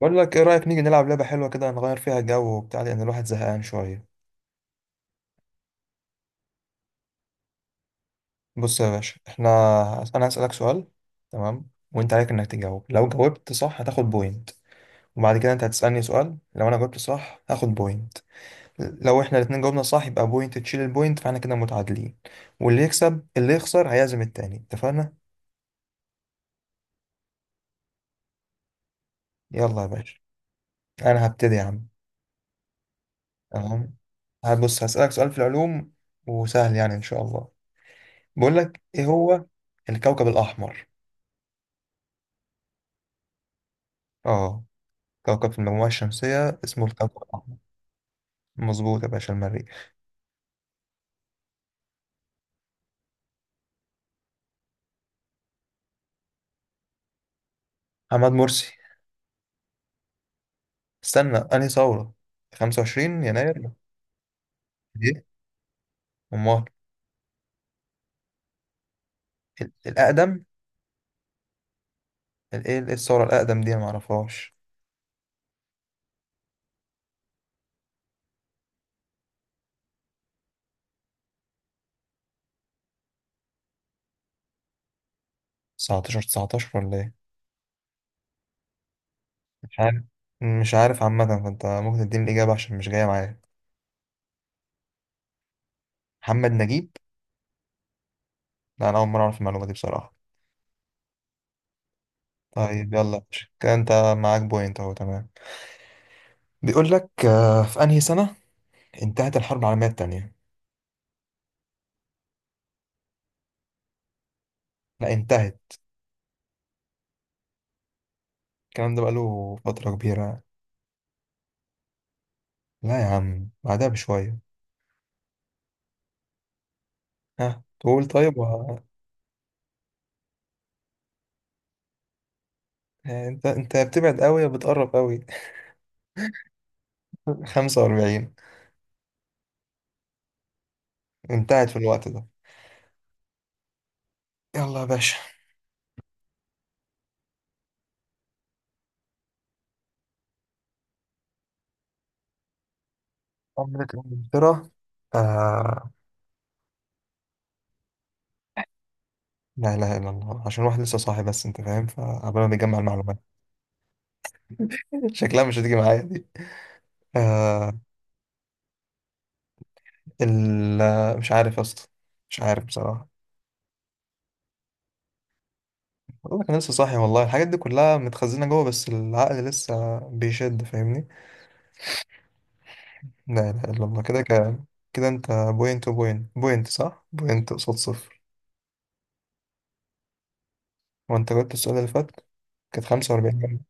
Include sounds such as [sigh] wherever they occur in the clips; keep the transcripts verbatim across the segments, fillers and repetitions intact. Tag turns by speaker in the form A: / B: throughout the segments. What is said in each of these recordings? A: بقول لك ايه، رأيك نيجي نلعب لعبة حلوة كده نغير فيها جو وبتاع، لأن الواحد زهقان شوية. بص يا باشا، احنا انا هسألك سؤال. تمام، وانت عليك انك تجاوب. لو جاوبت صح هتاخد بوينت. وبعد كده انت هتسألني سؤال، لو انا جاوبت صح هاخد بوينت. لو احنا الاتنين جاوبنا صح، يبقى بوينت تشيل البوينت، فاحنا كده متعادلين. واللي يكسب، اللي يخسر هيعزم التاني. اتفقنا؟ يلا يا باشا. انا هبتدي يا عم. تمام. هبص هسألك سؤال في العلوم، وسهل يعني ان شاء الله. بقول لك ايه هو الكوكب الأحمر. اه، كوكب في المجموعة الشمسية اسمه الكوكب الأحمر. مظبوط يا باشا، المريخ. محمد مرسي. استنى، أنهي ثورة؟ 25 يناير. إيه؟ أمال؟ ال- الأقدم؟ ال- إيه إيه الثورة الأقدم دي أنا معرفهاش. تسعة عشر تسعتاشر ولا إيه؟ مش عارف. مش عارف عامة، فأنت ممكن تديني الإجابة عشان مش جاية معايا. محمد نجيب؟ لا، أنا أول مرة أعرف المعلومة دي بصراحة. طيب يلا يا باشا. كده أنت معاك بوينت أهو، تمام. بيقول لك آه، في أنهي سنة انتهت الحرب العالمية التانية؟ لا انتهت، الكلام ده بقاله فترة كبيرة. لا يا عم، بعدها بشوية. ها تقول طيب و... يعني انت انت بتبعد قوي يا بتقرب قوي. [laughs] خمسة وأربعين. انتهت في الوقت ده. يلا يا باشا. عملت انجلترا. آه... لا اله الا الله، عشان الواحد لسه صاحي بس انت فاهم، فقبل ما بيجمع المعلومات. [laughs] شكلها مش هتيجي معايا دي. آه... ال... مش عارف يا اسطى. مش عارف بصراحة. والله كان لسه صاحي والله، الحاجات دي كلها متخزنة جوه بس العقل لسه بيشد، فاهمني؟ لا اله الا الله. كده ك... كده انت بوينت وبوينت، بوينت صح. بوينت قصاد صفر. وانت جبت السؤال اللي فات، كانت خمسة وأربعين جنيه.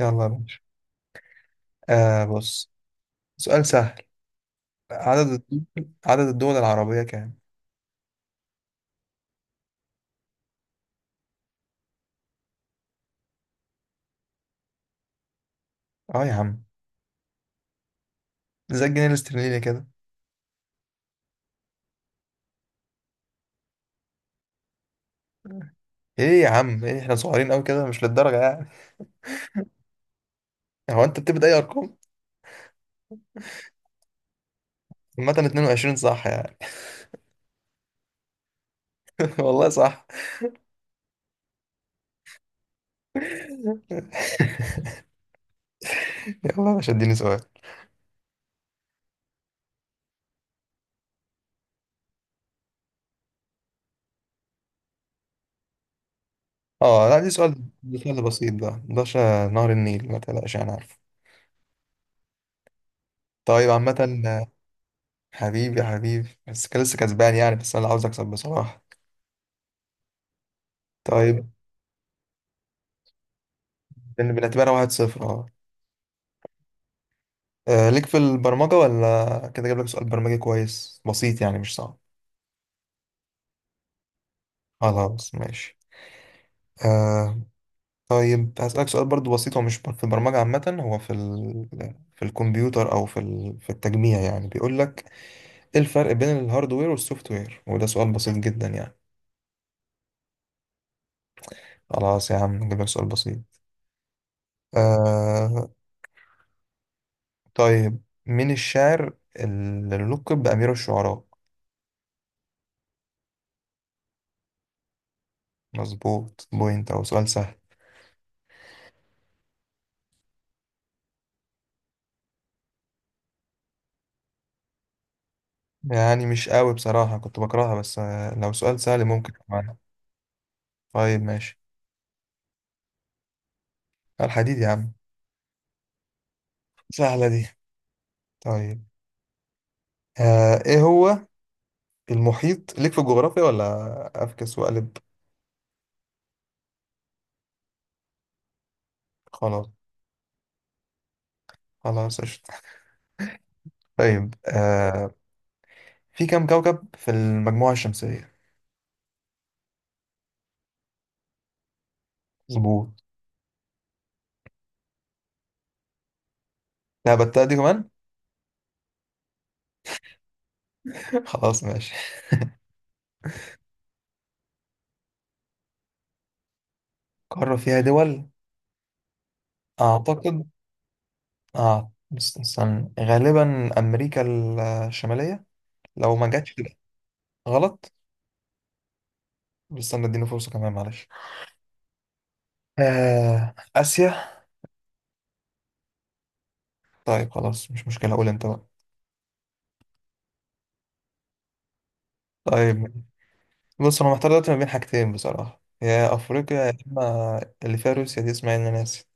A: يلا يا باشا. آه بص، سؤال سهل. عدد الدول- عدد الدول العربية كام؟ اه يا عم، زي الجنيه الاسترليني كده. ايه يا عم؟ ايه، احنا صغيرين قوي كده؟ مش للدرجة يعني. هو انت بتبدأ اي ارقام؟ عامة اتنين وعشرين صح يعني. [laughs] والله صح. [laughs] يلا يا باشا، اديني سؤال. اه لا، دي سؤال. ده سؤال بسيط. ده ده شا- نهر النيل، ما تقلقش انا عارف. طيب عامة، حبيبي يا حبيبي، بس كان لسه كسبان يعني، بس انا اللي عاوز اكسب بصراحة. طيب بن- بنعتبرها واحد صفر، اه. آه، ليك في البرمجة ولا كده؟ جايب لك سؤال برمجي كويس، بسيط يعني مش صعب. خلاص ماشي. آه. طيب هسألك سؤال برضو بسيط، هو مش بر- في البرمجة عامة. هو في ال... في الكمبيوتر، أو في ال... في التجميع يعني. بيقول لك: إيه الفرق بين الهاردوير والسوفت وير؟ وده سؤال بسيط جدا يعني. خلاص يا عم نجيب لك سؤال بسيط. آه. طيب، مين الشاعر اللي لقب بأمير الشعراء؟ مظبوط، بوينت. أو سؤال سهل. يعني مش قوي بصراحة، كنت بكرهها، بس آه، لو سؤال سهل ممكن كمان. طيب ماشي. الحديد يا عم. سهلة دي. طيب. آه ايه هو المحيط؟ ليك في الجغرافيا ولا افكس وأقلب؟ خلاص. خلاص قشطة. طيب. آه في كم كوكب في المجموعة الشمسية؟ مظبوط. لا بتاع دي كمان. [laughs] خلاص ماشي. قارة فيها دول؟ أعتقد آه است- استنى، غالبا أمريكا الشمالية. لو ما جاتش تبقى غلط. بس استنى اديني فرصة كمان، معلش. آه آسيا. طيب خلاص، مش مشكلة، قول أنت بقى. طيب، بص أنا محتار دلوقتي ما بين حاجتين بصراحة، يا أفريقيا يا إما اللي فيها روسيا دي اسمها إن، أنا ناسي.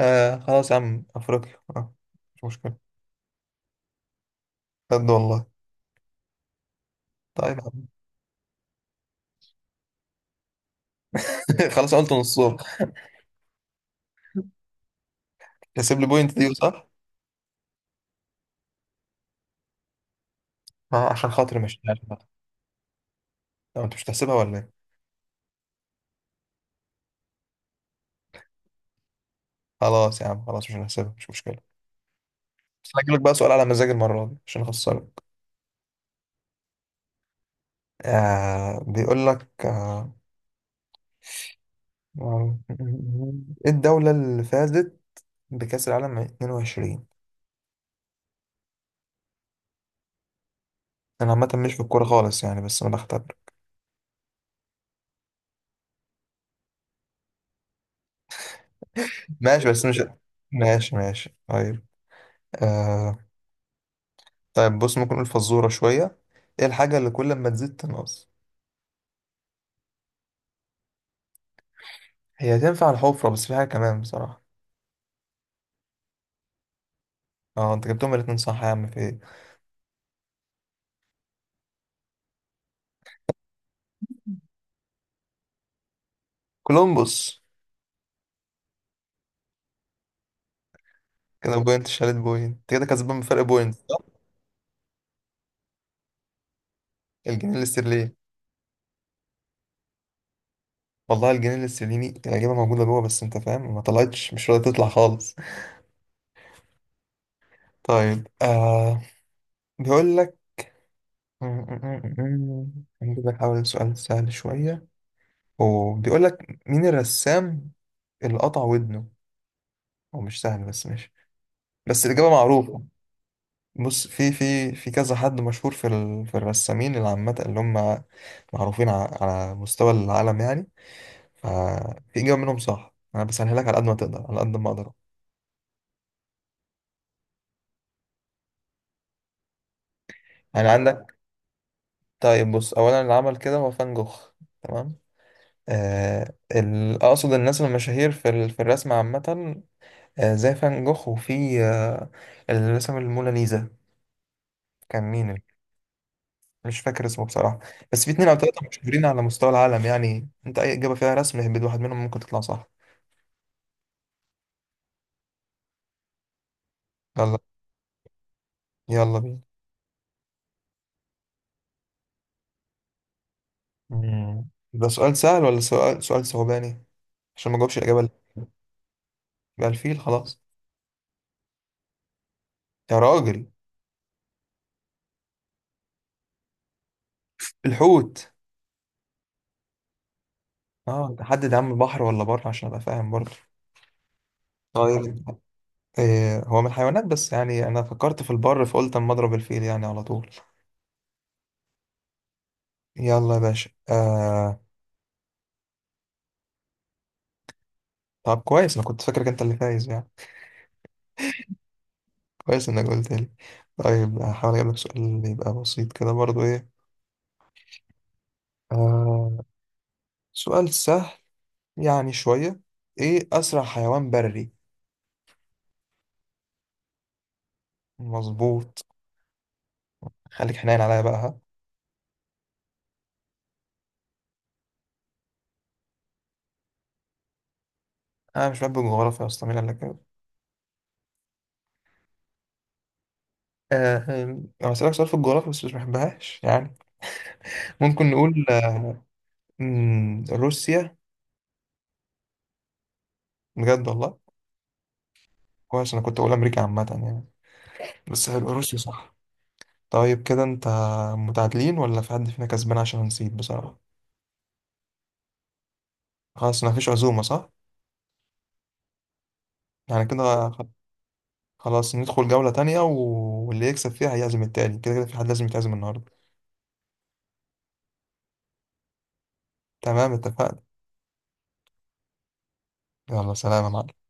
A: آه خلاص يا عم، أفريقيا، آه مش مشكلة. بجد والله. طيب يا عم. [laughs] خلاص، أنا قلت نصهم. تحسب لي بوينت دي صح؟ آه عشان خاطري، مش عارف بقى. طب أنت مش هتحسبها ولا إيه؟ خلاص يا عم، خلاص مش هنحسبها، مش مشكلة. بس أنا هجيلك بقى سؤال على مزاج المرة دي عشان أخسرك. آه بيقول لك آه آه، إيه الدولة اللي فازت بكأس العالم اتنين وعشرين؟ أنا عامة مش في الكورة خالص يعني، بس أنا بختبر. ماشي، بس مش، ماشي ماشي طيب. آه طيب، بص ممكن نقول فزورة شوية. إيه الحاجة اللي كل ما تزيد تنقص؟ هي تنفع الحفرة، بس في حاجة كمان بصراحة. أه، أنت جبتهم الاتنين صح يا عم، في إيه. كولومبوس. كده بوينت شالت بوينت. أنت كده كسبان بفرق بوينت صح؟ الجنيه الاسترليني. والله الجنيه الاسترليني، العجيبة موجودة جوه بس انت فاهم، ما طلعتش مش راضية تطلع خالص. طيب. آه بيقول لك، [laughs] هنجيب لك، حاول سؤال سهل شوية. وبيقول لك مين الرسام اللي قطع ودنه؟ هو مش سهل بس ماشي. بس الإجابة معروفة. بص، في في في كذا حد مشهور في ال... في الرسامين العامة، اللي هم معروفين ع... على مستوى العالم يعني. ففي إجابة منهم صح. أنا بسهلها لك على قد ما تقدر، على قد ما أقدر. يعني عندك. طيب بص، اولا اللي عمل كده هو فان جوخ، تمام. آه ال- اقصد الناس المشاهير في ال- في الرسم عامه. آه زي فان جوخ، وفي آه اللي رسم الموناليزا كان مين؟ ال- مش فاكر اسمه بصراحه. بس في اتنين او تلاته مشهورين على مستوى العالم يعني، انت اي اجابه فيها رسم، اهبد واحد منهم ممكن تطلع صح. يلا، يلا بينا. مم. ده سؤال سهل ولا سؤال سؤال صعباني؟ عشان ما جاوبش الاجابه ال- يبقى الفيل خلاص. يا راجل. الحوت. اه حدد يا عم، بحر ولا بر عشان ابقى فاهم برضه. طيب. إيه هو من الحيوانات بس، يعني انا فكرت في البر فقلت اما اضرب الفيل يعني على طول. يلا يا باشا، آه. طب كويس، انا كنت فاكرك انت اللي فايز يعني. كويس انك قلت لي. طيب هحاول اجيب لك سؤال يبقى بسيط كده برضو، ايه. آه سؤال سهل يعني شوية. ايه اسرع حيوان بري؟ مظبوط. خليك حنين عليا بقى، ها. انا مش بحب الجغرافيا اصلا، مين قال لك كده؟ آه أنا هسألك سؤال في الجغرافيا بس مش بحبهاش يعني. ممكن نقول آه مم، روسيا. بجد والله. كويس، انا كنت اقول امريكا عامه يعني. بس حلو، روسيا صح. طيب كده، انت متعادلين ولا في حد فينا كسبان؟ عشان نسيت بصراحه. خلاص، ما فيش عزومه، صح؟ يعني كده خ- خلاص ندخل جوله تانية، و- واللي يكسب فيها هيعزم التاني. كده كده في حد لازم يتعزم النهارده. تمام، اتفقنا. يلا، سلام يا معلم.